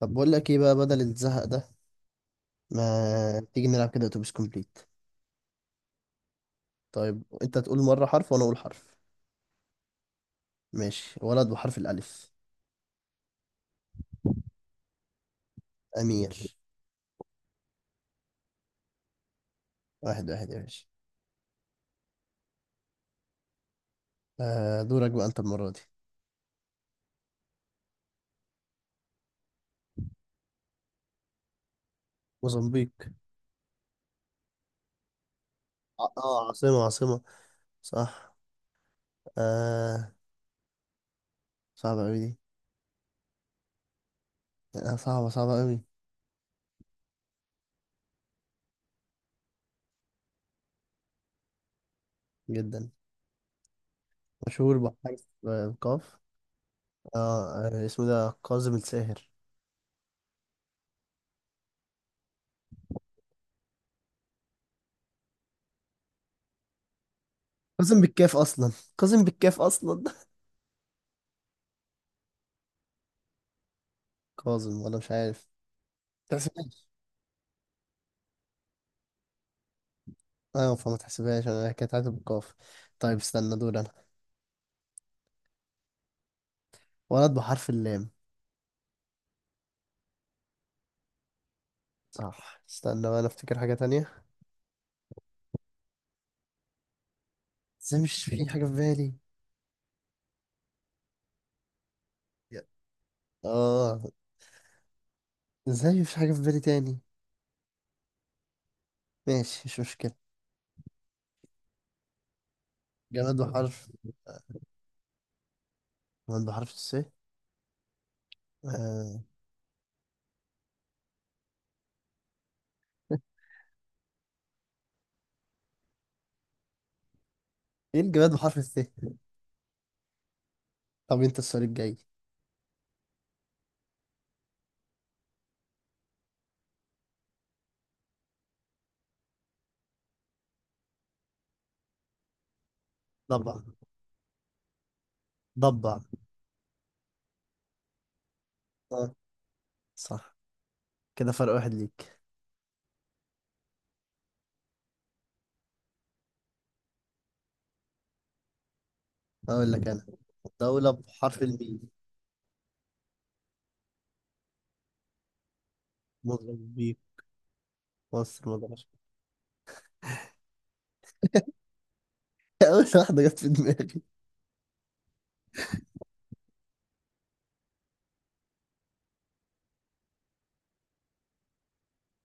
طب بقول لك ايه بقى بدل الزهق ده، ما تيجي نلعب كده اتوبيس كومبليت؟ طيب انت تقول مرة حرف وانا اقول حرف. ماشي، ولد بحرف الالف. امير. 1-1 يا باشا. آه، دورك بقى انت المرة دي. موزمبيق. عاصمة عاصمة. صح. آه، صعبة اوي دي. آه، صعبة صعبة اوي جدا. مشهور بحرف القاف. اسمه ده كاظم الساهر. كاظم بالكاف اصلا. كاظم بالكاف اصلا كاظم ولا مش عارف. تحسب. اه، فما تحسبهاش، انا كانت عاتب بالقاف. طيب استنى، دول انا. ولد بحرف اللام. صح، استنى بقى، انا افتكر حاجة تانية. ازاي مش في حاجة في بالي؟ يا- اه ازاي مفيش حاجة في بالي تاني؟ ماشي، مش مشكلة. جماد بحرف. جماد بحرف الس. آه. ايه الجماد بحرف الس؟ طب انت السؤال الجاي. ضبع. ضبع. اه، صح. كده فرق واحد ليك. اقول لك انا، دولة بحرف الميم. مضرب بيه. مصر، مدغشقر. اول واحدة جت في دماغي.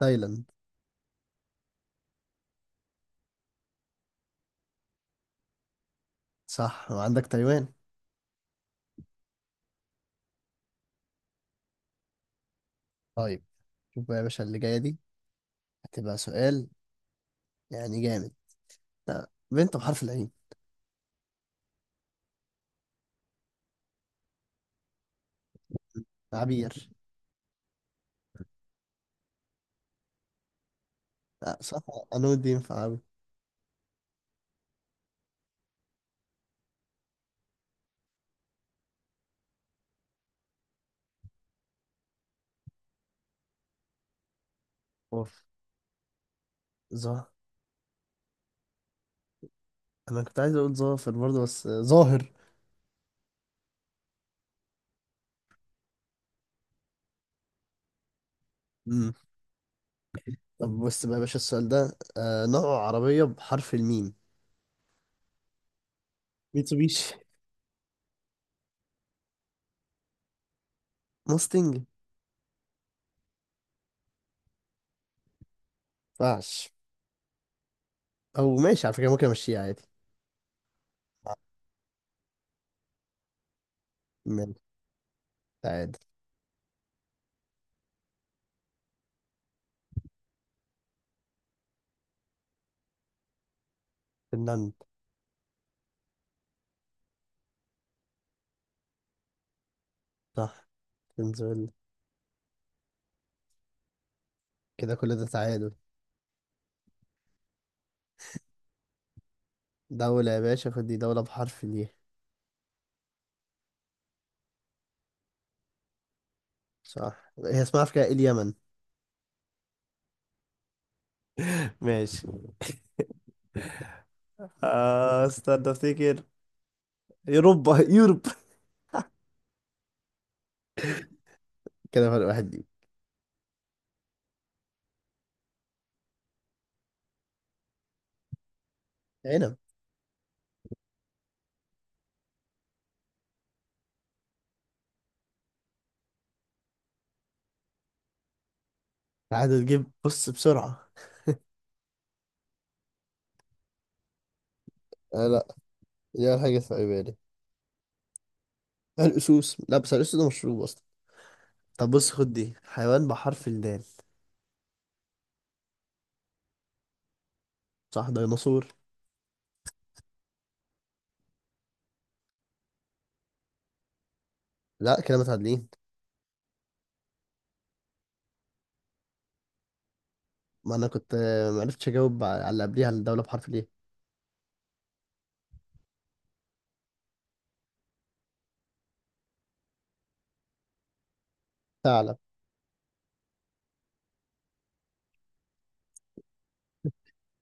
تايلاند. صح، وعندك تايوان. طيب، شوف بقى يا باشا اللي جاية دي، هتبقى سؤال يعني جامد. لا، بنت بحرف العين. عبير. لا، صح. أنو الدين في عبي. اوف. ظاهر. أنا كنت عايز أقول ظافر برضه بس ظاهر. مم. طب بص بقى يا باشا، السؤال ده نوع عربية بحرف الميم. ميتسوبيشي. موستنج. مينفعش. أو ماشي، على فكرة ممكن أمشيها عادي. ماشي. تعادل. فنلندا. صح. فنزويلا. كده كل ده تعادل. دولة يا باشا، خد دي دولة بحرف ال. صح، هي اسمها افريقيا ايه اليمن. ماشي. آه، استنى افتكر. يوروبا يوروب. كده فرق واحد دي. عنب. عاد تجيب، بص بسرعة. آه لا، دي أول حاجة في بالي. الأسوس، لا بس الأسوس ده مشروب أصلا. طب بص، خد دي حيوان بحرف الدال. صح، ديناصور. لا، كده متعادلين. ما أنا كنت معرفتش أجاوب على اللي قبليها، على الدولة بحرف الإيه. ثعلب.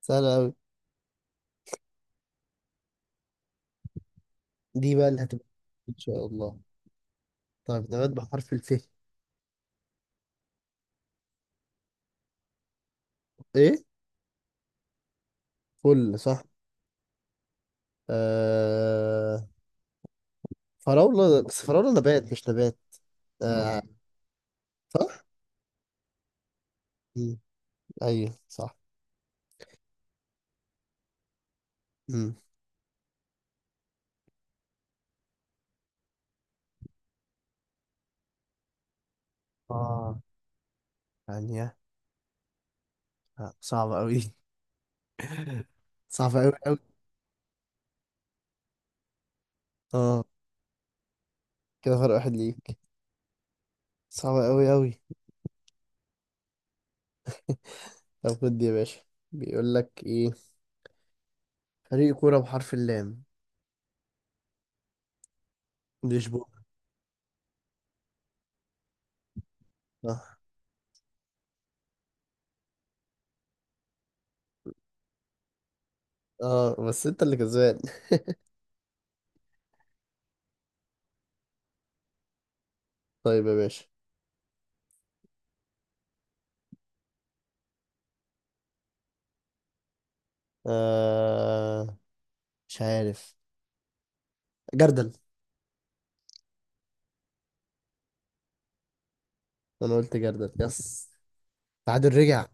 سهلة أوي. دي بقى اللي هتبقى إن شاء الله. طيب، نبات بحرف الف. إيه. فل صح. آه، فراولة بس فراولة نبات مش نبات. آه. صح؟ مم. أيوه صح. مم. آه، ثانية. آه. صعبة أوي صعبة أوي أوي. آه، كده فرق واحد ليك. صعبة أوي أوي. طب خد يا باشا، بيقول لك إيه، فريق كورة بحرف اللام. لشبونة. صح. آه، بس أنت اللي كسبان. طيب يا باشا. آه، مش عارف. جردل. أنا قلت جردل يس. تعادل رجع.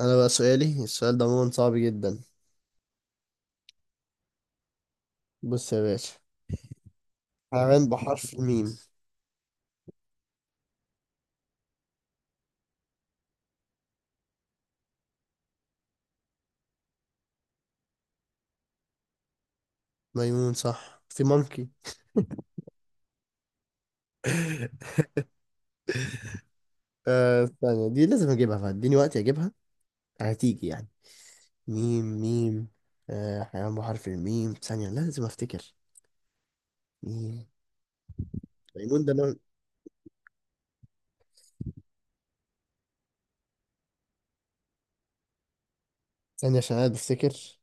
أنا بقى سؤالي السؤال ده عموما صعب جدا. بص يا باشا، حيوان بحرف الميم. ميمون صح، في مونكي. آه، ثانية دي لازم اجيبها، فاديني وقت اجيبها. هتيجي يعني. ميم ميم. آه، حيوان بحرف الميم، ثانية لازم افتكر. ميم. ميمون ده نوع. ثانية عشان انا بفتكر.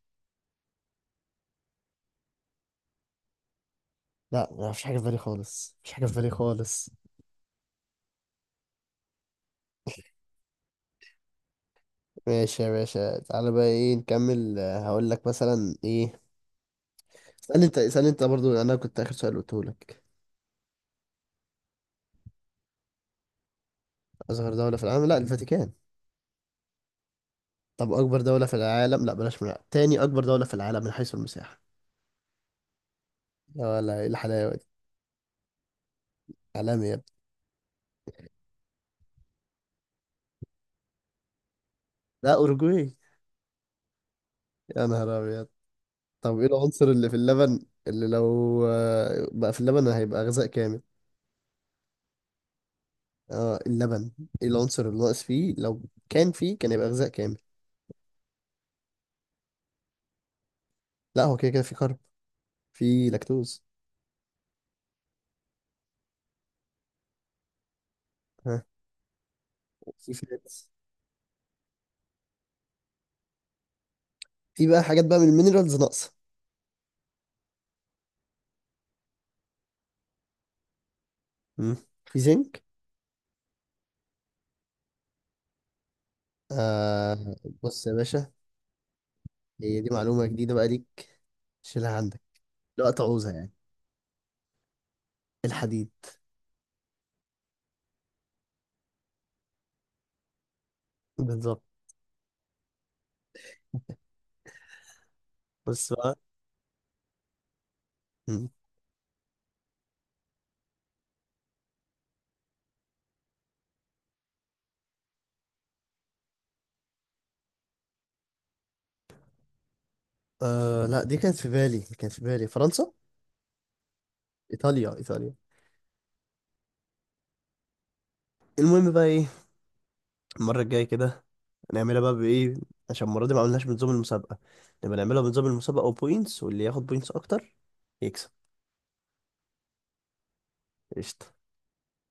لا، ما فيش حاجة في بالي خالص، مفيش حاجة في بالي خالص. ماشي يا باشا، تعالى بقى ايه نكمل هقول لك مثلا ايه. اسألني انت، اسألني انت برضو، انا كنت اخر سؤال قلته لك. اصغر دولة في العالم. لا، الفاتيكان. طب أكبر دولة في العالم، لا بلاش من العالم. تاني أكبر دولة في العالم من حيث المساحة. يا ولا إيه الحلاوة دي. عالمي يا ابني. لا، أوروجواي. يا نهار أبيض. طب إيه العنصر اللي في اللبن، اللي لو بقى في اللبن هيبقى غذاء كامل. اه، اللبن. إيه العنصر اللي ناقص فيه، لو كان فيه كان يبقى غذاء كامل. لا، هو كده كده في كارب. في لاكتوز. ها. في فات. في بقى حاجات بقى من المينرالز ناقصة. مم. في زنك. آه، بص يا باشا، هي دي معلومة جديدة بقى ليك، شيلها عندك. لا تعوزها يعني. الحديد. بالظبط. بس بقى. مم. آه لا، دي كانت في بالي، كانت في بالي فرنسا. ايطاليا. ايطاليا. المهم بقى ايه، المره الجايه كده هنعملها بقى بايه؟ عشان المره دي ما عملناش بنظام المسابقه. نبقى نعملها بنظام المسابقه وبوينتس، واللي ياخد بوينتس اكتر يكسب. قشطه.